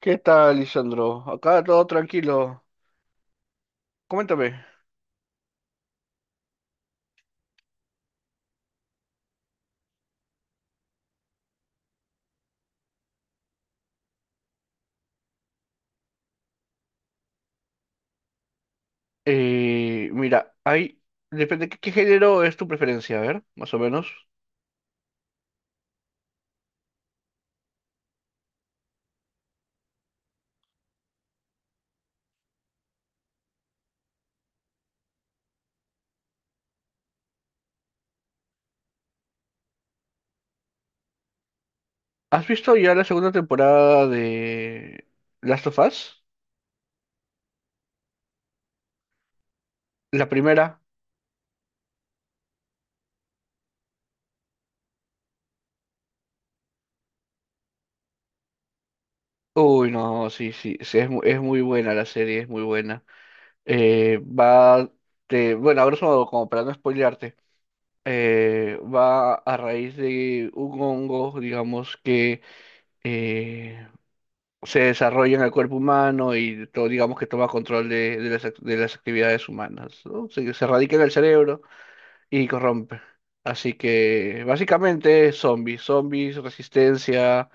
¿Qué tal, Lisandro? Acá todo tranquilo. Coméntame. Mira, hay... Depende, ¿qué género es tu preferencia? A ver, más o menos. ¿Has visto ya la segunda temporada de Last of Us? ¿La primera? Uy, no, sí, sí, sí, es, es muy buena la serie, es muy buena. Va... De, bueno, ahora modo, como para no spoilearte. Va a raíz de un hongo, digamos, que... eh, se desarrolla en el cuerpo humano y todo, digamos que toma control de las, de las actividades humanas, ¿no? Se radica en el cerebro y corrompe. Así que básicamente zombies, zombies, resistencia,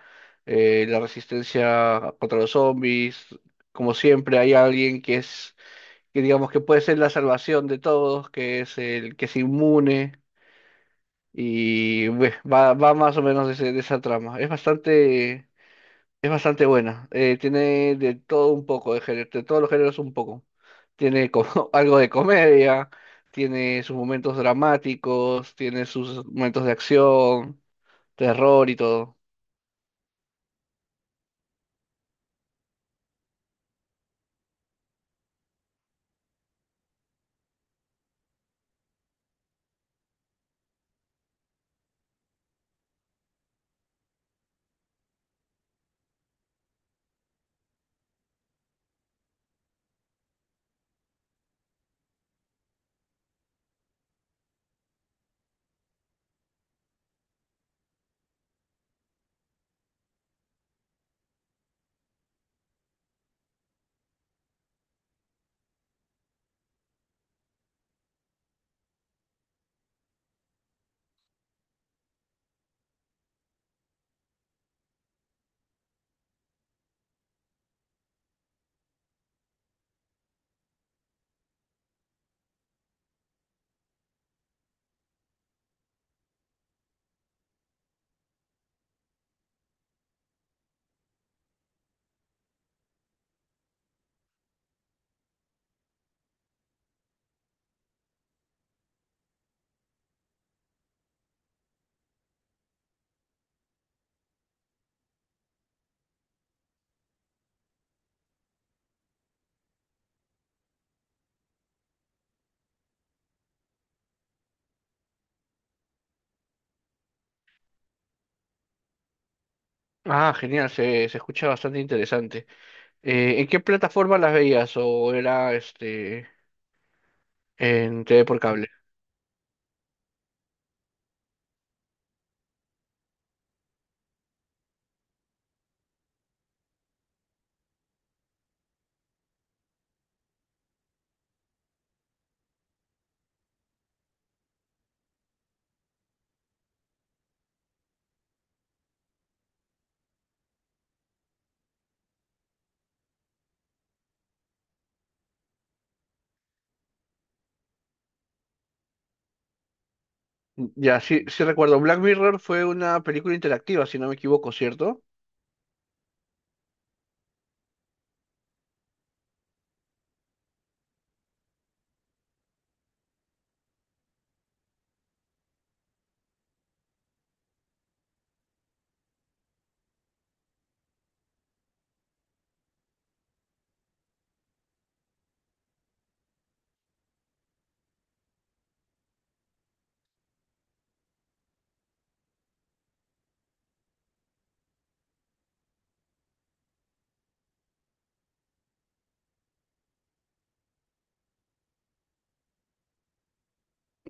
la resistencia contra los zombies. Como siempre hay alguien que es, que digamos que puede ser la salvación de todos, que es el que es inmune y va más o menos de, de esa trama. Es bastante buena. Tiene de todo un poco, de, de todos los géneros un poco. Tiene como, algo de comedia, tiene sus momentos dramáticos, tiene sus momentos de acción, terror y todo. Ah, genial, se escucha bastante interesante. ¿En qué plataforma las veías o era este en TV por cable? Ya, sí, sí recuerdo. Black Mirror fue una película interactiva, si no me equivoco, ¿cierto?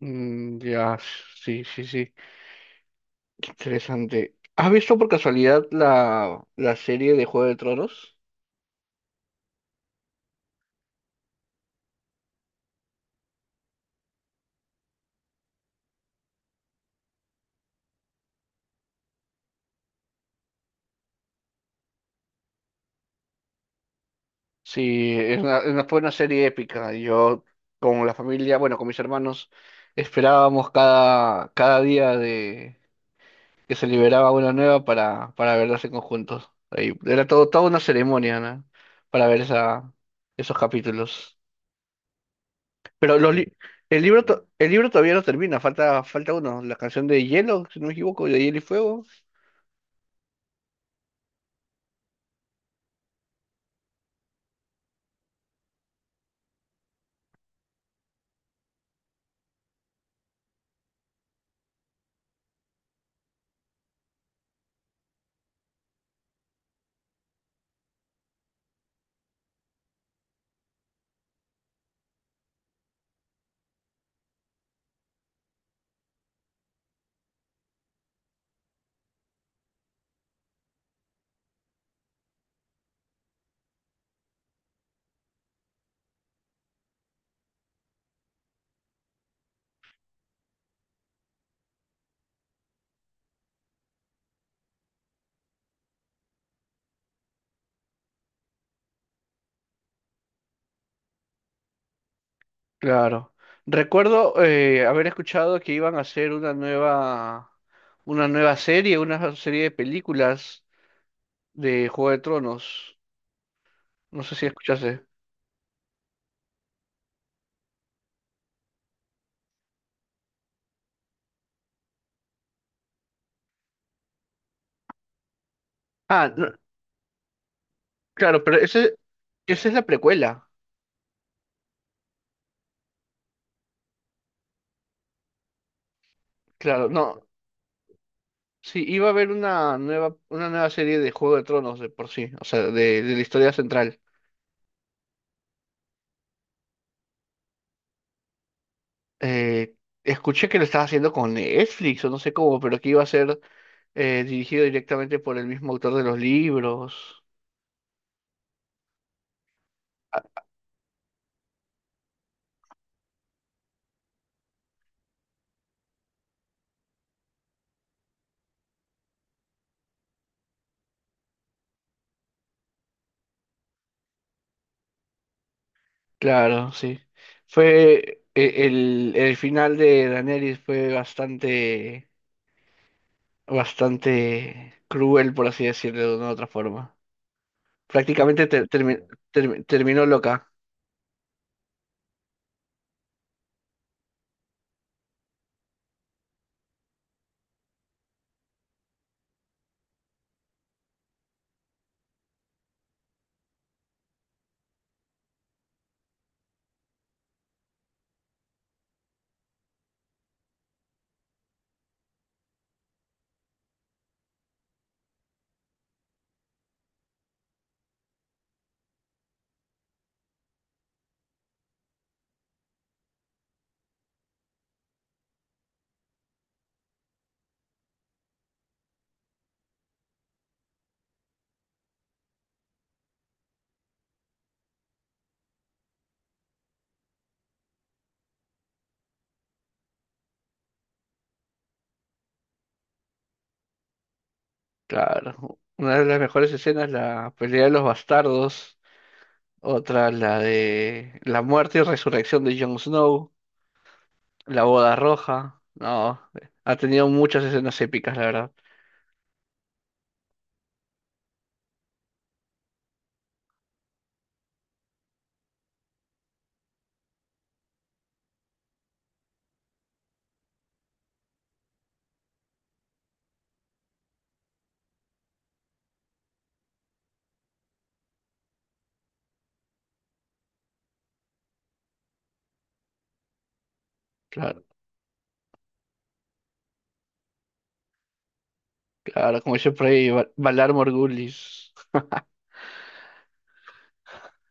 Mm, ya, sí, sí, sí. Interesante. ¿Has visto por casualidad la, la serie de Juego de Tronos? Sí, es una, fue una serie épica. Yo con la familia, bueno, con mis hermanos, esperábamos cada, cada día de que se liberaba una nueva para verlas en conjuntos. Ahí, era todo, toda una ceremonia, ¿no? Para ver esa, esos capítulos. Pero los li- el libro, to- el libro todavía no termina, falta, falta uno, la canción de Hielo, si no me equivoco, de Hielo y Fuego. Claro. Recuerdo haber escuchado que iban a hacer una nueva serie, una serie de películas de Juego de Tronos. No sé si escuchaste. Ah, no, claro, pero ese, esa es la precuela. Claro, no. Sí, iba a haber una nueva serie de Juego de Tronos de por sí, o sea, de la historia central. Eh, Escuché que lo estaba haciendo con Netflix o no sé cómo, pero que iba a ser dirigido directamente por el mismo autor de los libros. Claro, sí. El final de Daenerys fue bastante, bastante cruel, por así decirlo, de una u otra forma. Prácticamente terminó loca. Claro. Una de las mejores escenas, la pelea de los bastardos. Otra, la de la muerte y resurrección de Jon Snow. La boda roja. No, ha tenido muchas escenas épicas, la verdad. Claro, claro, como dice por ahí, Valar Morgulis.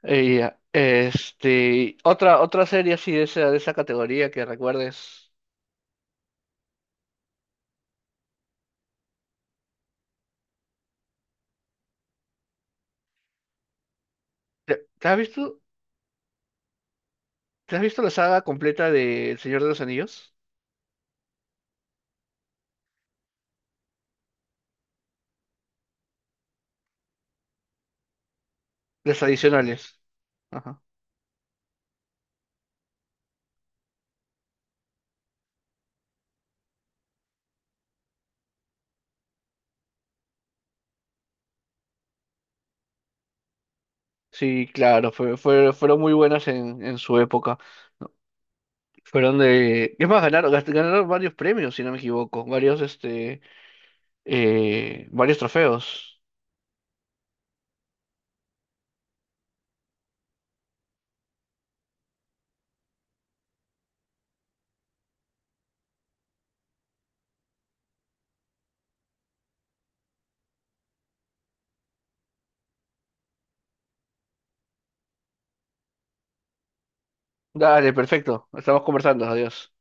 Y este, otra, otra serie así de esa categoría que recuerdes. ¿Te, te has visto, ¿te has visto la saga completa de El Señor de los Anillos? Las adicionales. Ajá. Sí, claro, fueron muy buenas en su época. Fueron de... Es más, ganaron varios premios, si no me equivoco. Varios, este, varios trofeos. Dale, perfecto. Estamos conversando. Adiós.